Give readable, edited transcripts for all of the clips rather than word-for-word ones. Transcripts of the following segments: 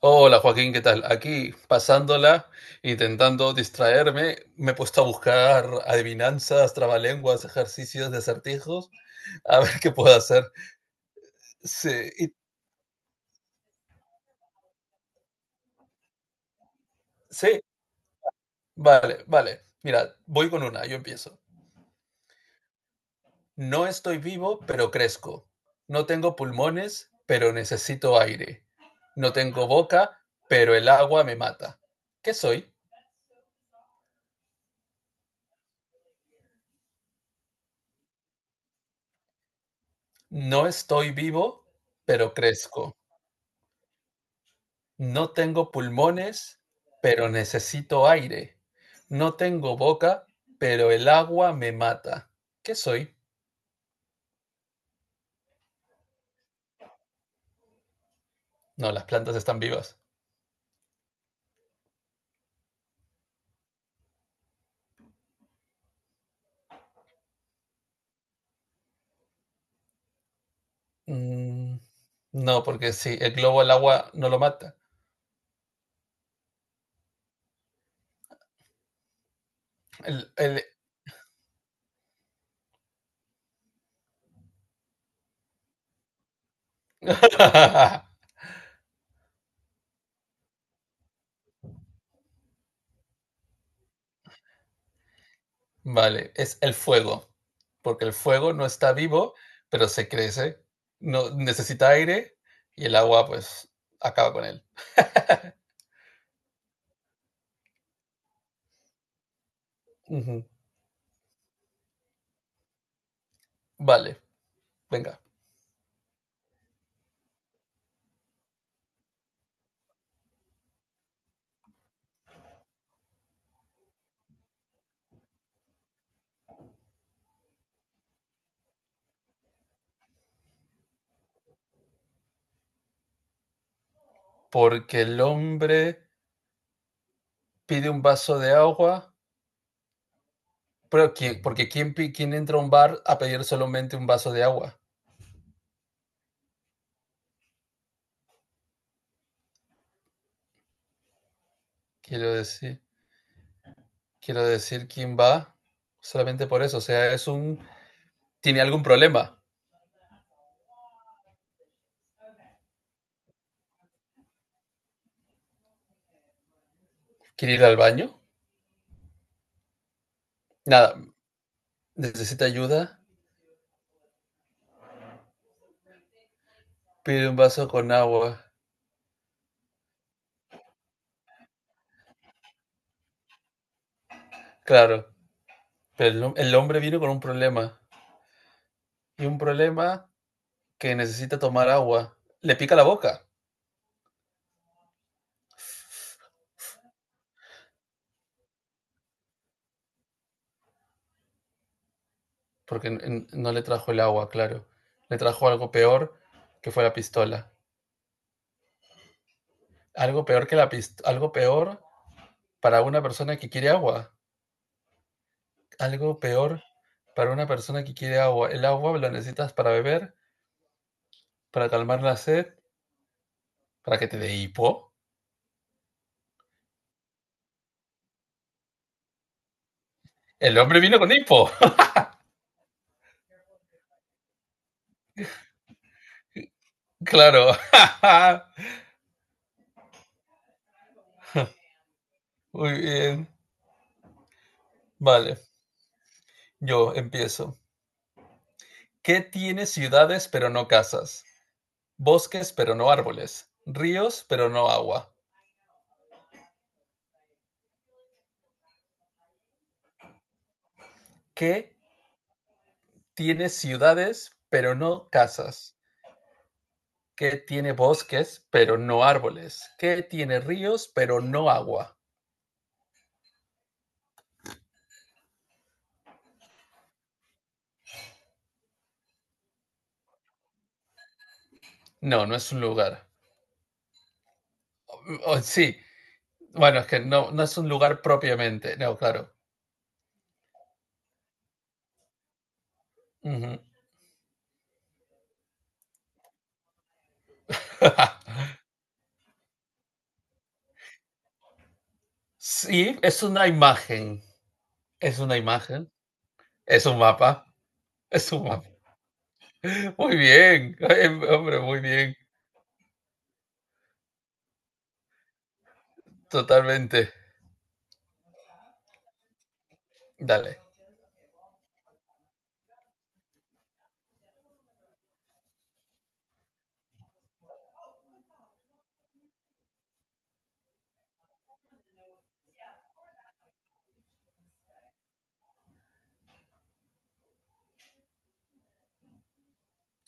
Hola Joaquín, ¿qué tal? Aquí pasándola, intentando distraerme, me he puesto a buscar adivinanzas, trabalenguas, ejercicios de acertijos, a ver qué puedo hacer. Sí, y- sí, vale, vale. Mira, voy con una, yo empiezo. No estoy vivo, pero crezco. No tengo pulmones, pero necesito aire. No tengo boca, pero el agua me mata. ¿Qué soy? No estoy vivo, pero crezco. No tengo pulmones, pero necesito aire. No tengo boca, pero el agua me mata. ¿Qué soy? No, las plantas están vivas. Mm, no, porque sí, el globo al agua no lo mata. El- el- Vale, es el fuego, porque el fuego no está vivo, pero se crece, no necesita aire y el agua pues acaba con él. Ujú. Vale, venga. Porque el hombre pide un vaso de agua, pero ¿quién entra a un bar a pedir solamente un vaso de agua? Quiero decir, quiero decir, ¿quién va solamente por eso? O sea, ¿tiene algún problema? ¿Quiere ir al baño? Nada, necesita ayuda, pide un vaso con agua. Claro, pero el hombre vino con un problema, y un problema que necesita tomar agua. Le pica la boca, porque no le trajo el agua, claro. Le trajo algo peor, que fue la pistola. Algo peor que la pistola, algo peor para una persona que quiere agua. Algo peor para una persona que quiere agua. El agua la necesitas para beber, para calmar la sed, para que te dé hipo. El hombre vino con hipo. Claro. Muy bien. Vale, yo empiezo. ¿Qué tiene ciudades pero no casas? Bosques pero no árboles. Ríos pero no agua. ¿Qué tiene ciudades pero no casas? Que tiene bosques, pero no árboles, que tiene ríos, pero no agua. No, no es un lugar. O sí, bueno, es que no, no es un lugar propiamente. No, claro. Ujú. Sí, es una imagen. Es una imagen. Es un mapa. Es un mapa. Muy bien. Hombre, muy bien. Totalmente. Dale.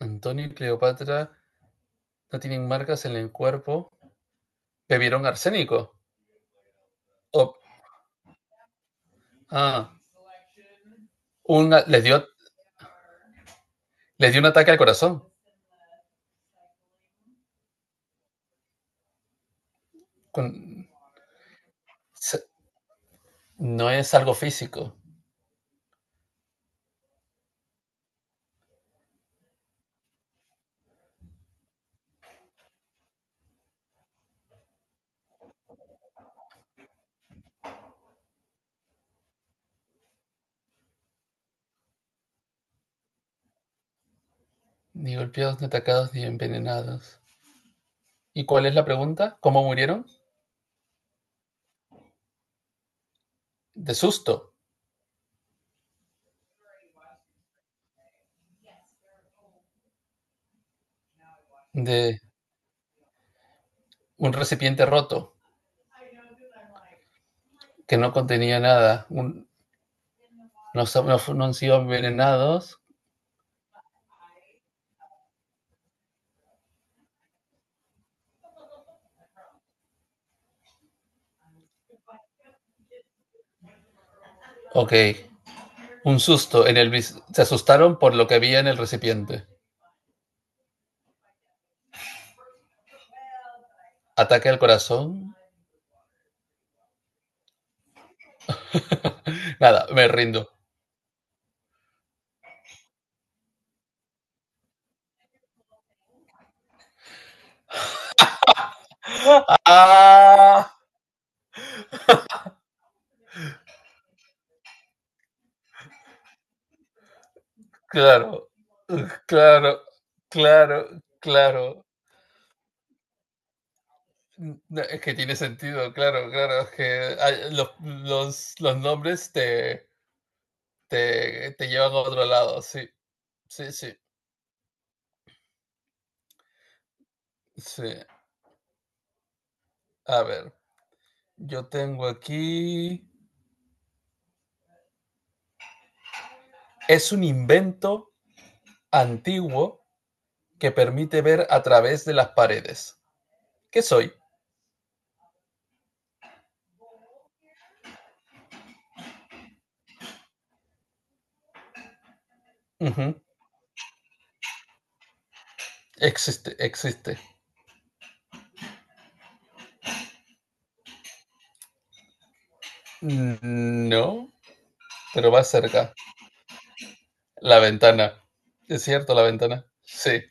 Antonio y Cleopatra no tienen marcas en el cuerpo. Bebieron arsénico. O- ah, una, les dio, les dio un ataque al corazón. con- se- no es algo físico, ni golpeados, ni atacados, ni envenenados. ¿Y cuál es la pregunta? ¿Cómo murieron? De susto, de un recipiente roto que no contenía nada, no, so, no han sido envenenados. Ok, un susto, se asustaron por lo que había en el recipiente. Ataque al corazón. Nada, me rindo. Ah, claro, claro, claro, claro. No, es que tiene sentido, claro, claro. Es que los nombres te llevan a otro lado, sí, sí, sí, sí. A ver, yo tengo aquí... Es un invento antiguo que permite ver a través de las paredes. ¿Qué soy? Ujú, existe, existe. Mm, no, pero va cerca. La ventana. ¿Es cierto, la ventana? Sí,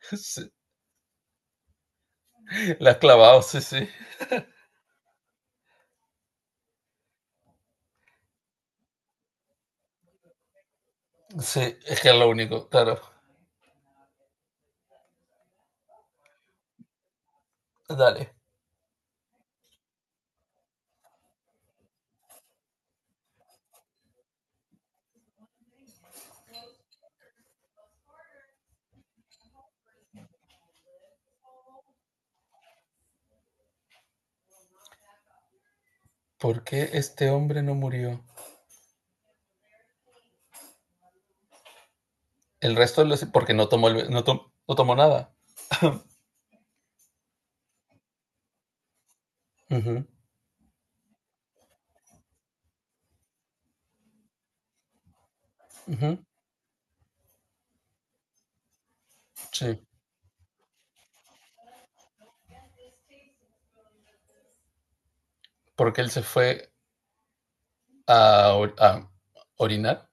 sí. La has clavado, sí, sí. Sí, es que es lo único, claro. Dale. ¿Por qué este hombre no murió? El resto de los... Porque no tomó, no tomó nada. Ujú, ujú, sí. Porque él se fue a, a orinar.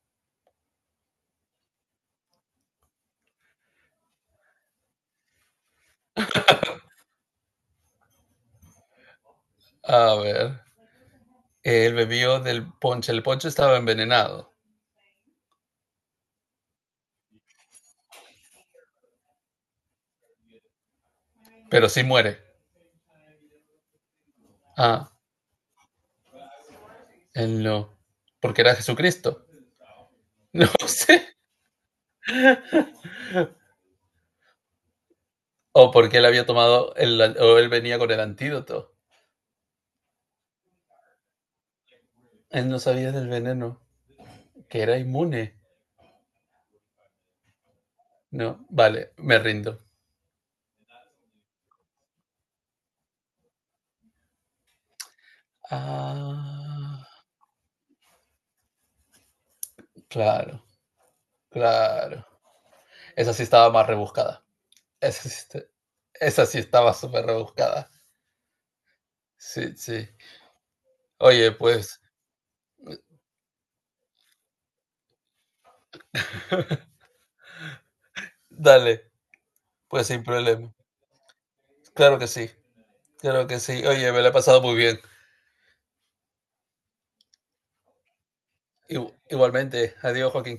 A ver. Él bebió del ponche. El ponche estaba envenenado. Pero sí muere. Ah, él no. Porque era Jesucristo. No sé. O porque él había tomado... El, o él venía con el antídoto. Él no sabía del veneno. Que era inmune. No, vale, me rindo. Ah, claro, claro. Esa sí estaba más rebuscada. Esa sí, esa sí estaba súper rebuscada. Sí, sí. Oye, pues, dale, pues sin problema. Claro que sí, claro que sí. Oye, me la he pasado muy bien. Igualmente, adiós, Joaquín.